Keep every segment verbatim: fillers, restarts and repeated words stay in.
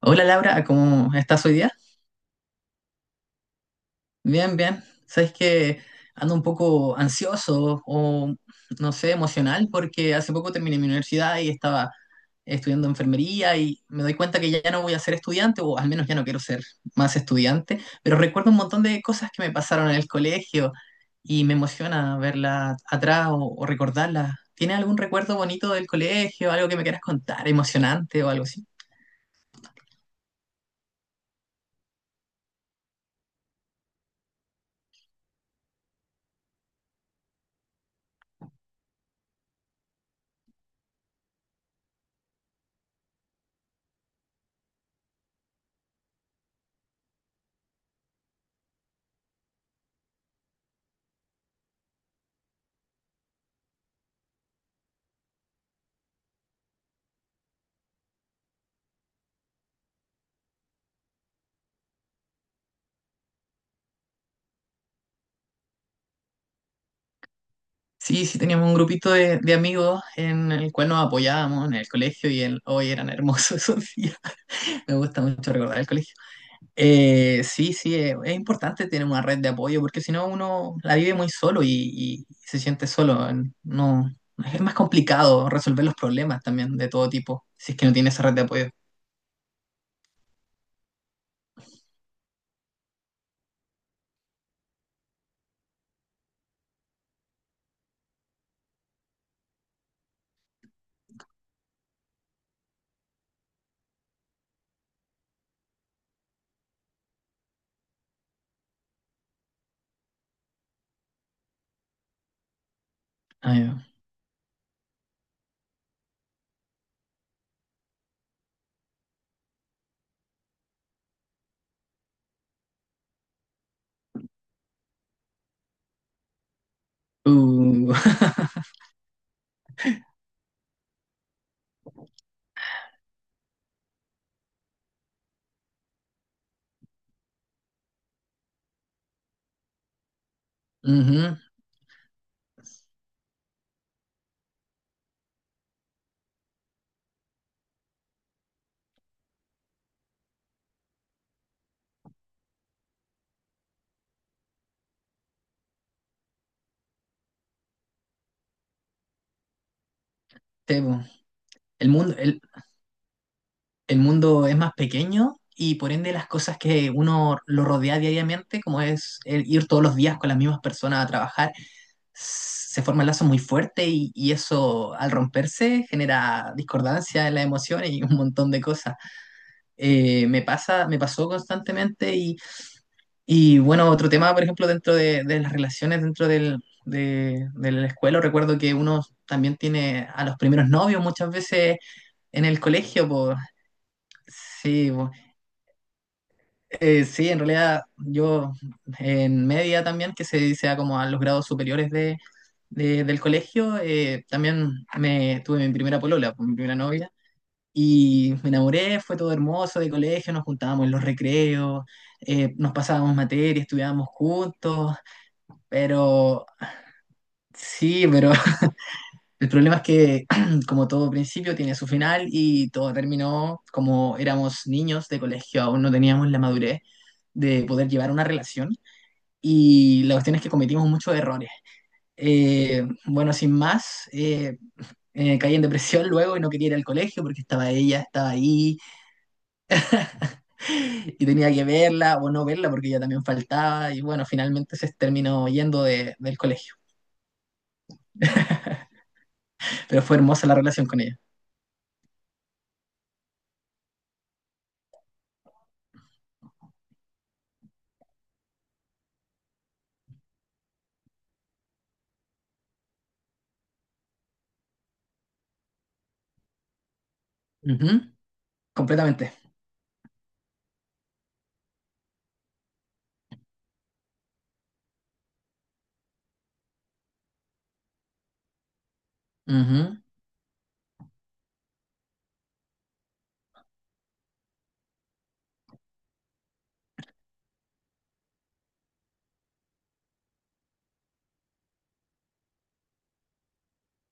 Hola Laura, ¿cómo estás hoy día? Bien, bien. Sabes que ando un poco ansioso o no sé, emocional porque hace poco terminé mi universidad y estaba estudiando enfermería y me doy cuenta que ya no voy a ser estudiante o al menos ya no quiero ser más estudiante, pero recuerdo un montón de cosas que me pasaron en el colegio y me emociona verlas atrás o, o recordarlas. ¿Tienes algún recuerdo bonito del colegio, algo que me quieras contar, emocionante o algo así? Sí, sí, teníamos un grupito de, de amigos en el cual nos apoyábamos en el colegio y el, hoy eran hermosos esos días. Me gusta mucho recordar el colegio. Eh, sí, sí, eh, es importante tener una red de apoyo porque si no uno la vive muy solo y, y se siente solo. en- No, es más complicado resolver los problemas también de todo tipo si es que no tiene esa red de apoyo. Ah, ya. Uh, ujú, sí, po. El mundo, el, el mundo es más pequeño y por ende las cosas que uno lo rodea diariamente, como es el ir todos los días con las mismas personas a trabajar, se forma el lazo muy fuerte y, y eso al romperse genera discordancia en las emociones y un montón de cosas. Eh, me pasa, me pasó constantemente y, y bueno, otro tema, por ejemplo, dentro de, de las relaciones, dentro del... De, de la escuela, recuerdo que uno también tiene a los primeros novios muchas veces en el colegio, pues sí, po. Eh, sí, en realidad yo en media también, que se sea como a los grados superiores de, de- del colegio, eh, también me tuve mi primera polola, pues, mi primera novia, y me enamoré, fue todo hermoso de colegio, nos juntábamos en los recreos, eh, nos pasábamos materias estudiábamos juntos, pero sí, pero el problema es que como todo principio tiene su final y todo terminó como éramos niños de colegio, aún no teníamos la madurez de poder llevar una relación y la cuestión es que cometimos muchos errores. Eh, bueno, sin más, eh, eh, caí en depresión luego y no quería ir al colegio porque estaba ella, estaba ahí. Y tenía que verla o no verla porque ella también faltaba y bueno, finalmente se terminó yendo de- del colegio. Pero fue hermosa la relación con ella. Ujú. Completamente.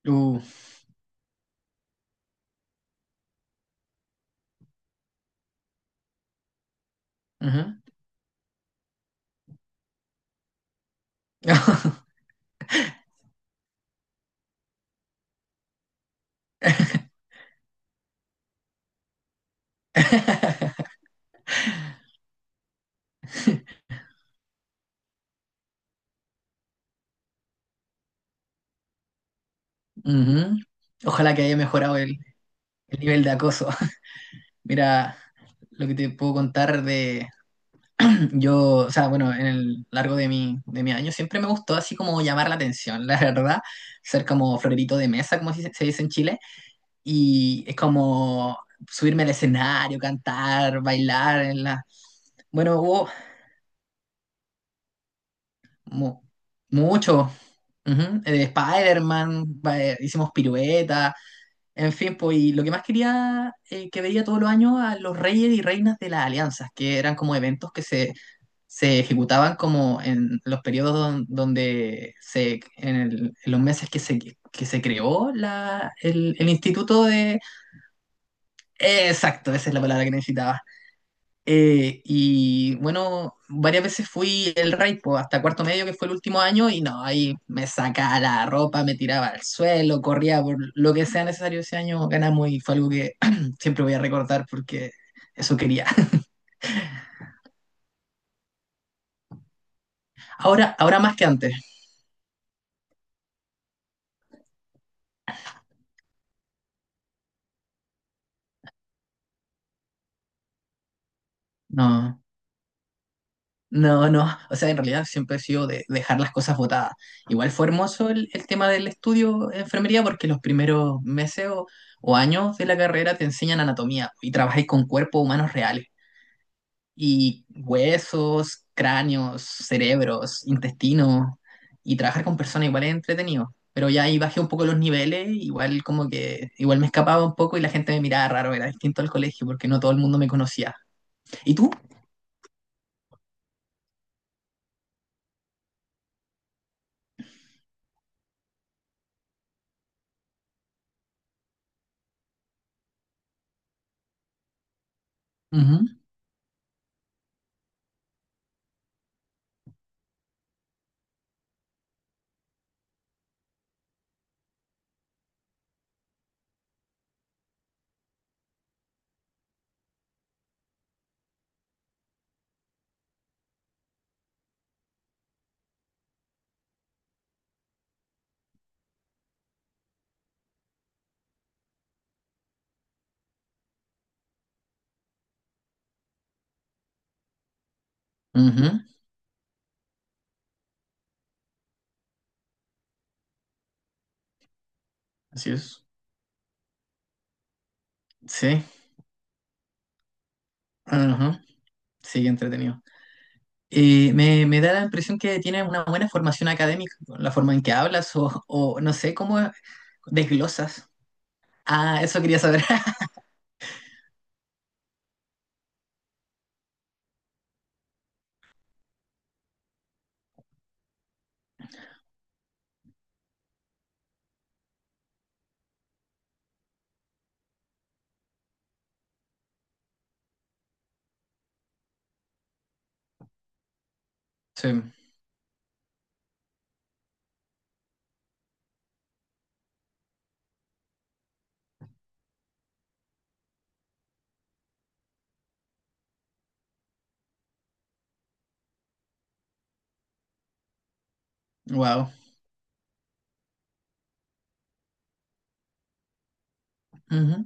Ujú, uh, ujú. Ujú. Ojalá que haya mejorado el, el nivel de acoso. Mira lo que te puedo contar de, yo, o sea, bueno, en el largo de mi, de mi año siempre me gustó así como llamar la atención, la verdad, ser como florerito de mesa, como se, se dice en Chile, y es como subirme al escenario, cantar, bailar en la... Bueno, hubo mu- mucho, ujú, eh, Spider-Man, ba- eh, hicimos piruetas, en fin, pues, y lo que más quería, eh, que veía todos los años a los reyes y reinas de las alianzas, que eran como eventos que se se ejecutaban como en los periodos don- donde se, en, el- en los meses que se, que se creó la, el, el instituto de... eh, exacto, esa es la palabra que necesitaba. Eh, y bueno, varias veces fui el rey, po, hasta cuarto medio, que fue el último año, y no, ahí me sacaba la ropa, me tiraba al suelo, corría por lo que sea necesario ese año, ganamos y fue algo que siempre voy a recordar porque eso quería. Ahora, ahora más que antes. No. No, no, o sea, en realidad siempre he sido de dejar las cosas botadas. Igual fue hermoso el, el tema del estudio de enfermería porque los primeros meses o, o años de la carrera te enseñan anatomía y trabajáis con cuerpos humanos reales y huesos, cráneos, cerebros, intestinos y trabajar con personas igual es entretenido. Pero ya ahí bajé un poco los niveles, igual como que igual me escapaba un poco y la gente me miraba raro, era distinto al colegio porque no todo el mundo me conocía. ¿Y tú? Ujú, ujú, así es. Sí. Ajá, sí, entretenido. Eh, me, me da la impresión que tiene una buena formación académica, la forma en que hablas o, o no sé cómo desglosas. Ah, eso quería saber. Sí, wow. Ujú.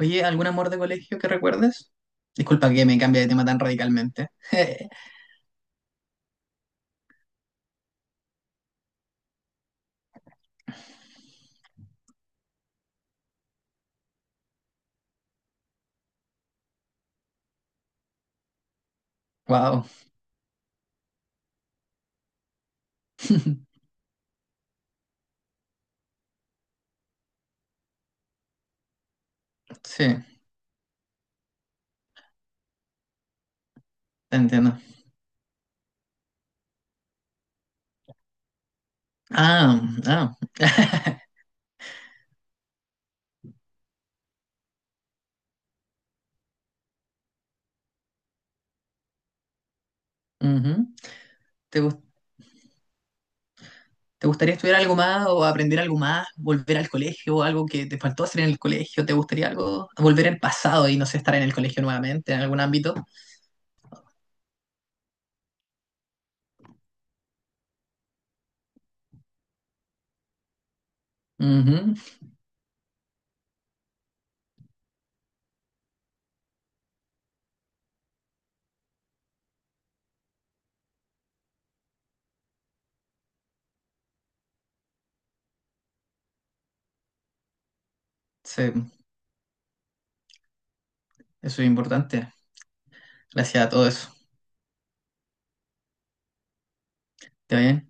Oye, ¿algún amor de colegio que recuerdes? Disculpa que me cambie de tema tan radicalmente. Wow. Sí, te entiendo. Ah, ah. Ujú. ¿Te gusta? ¿Te gustaría estudiar algo más o aprender algo más? ¿Volver al colegio? ¿Algo que te faltó hacer en el colegio? ¿Te gustaría algo? ¿Volver al pasado y no sé, estar en el colegio nuevamente en algún ámbito? Ujú. Sí, eso es importante. Gracias a todo eso. ¿Está bien?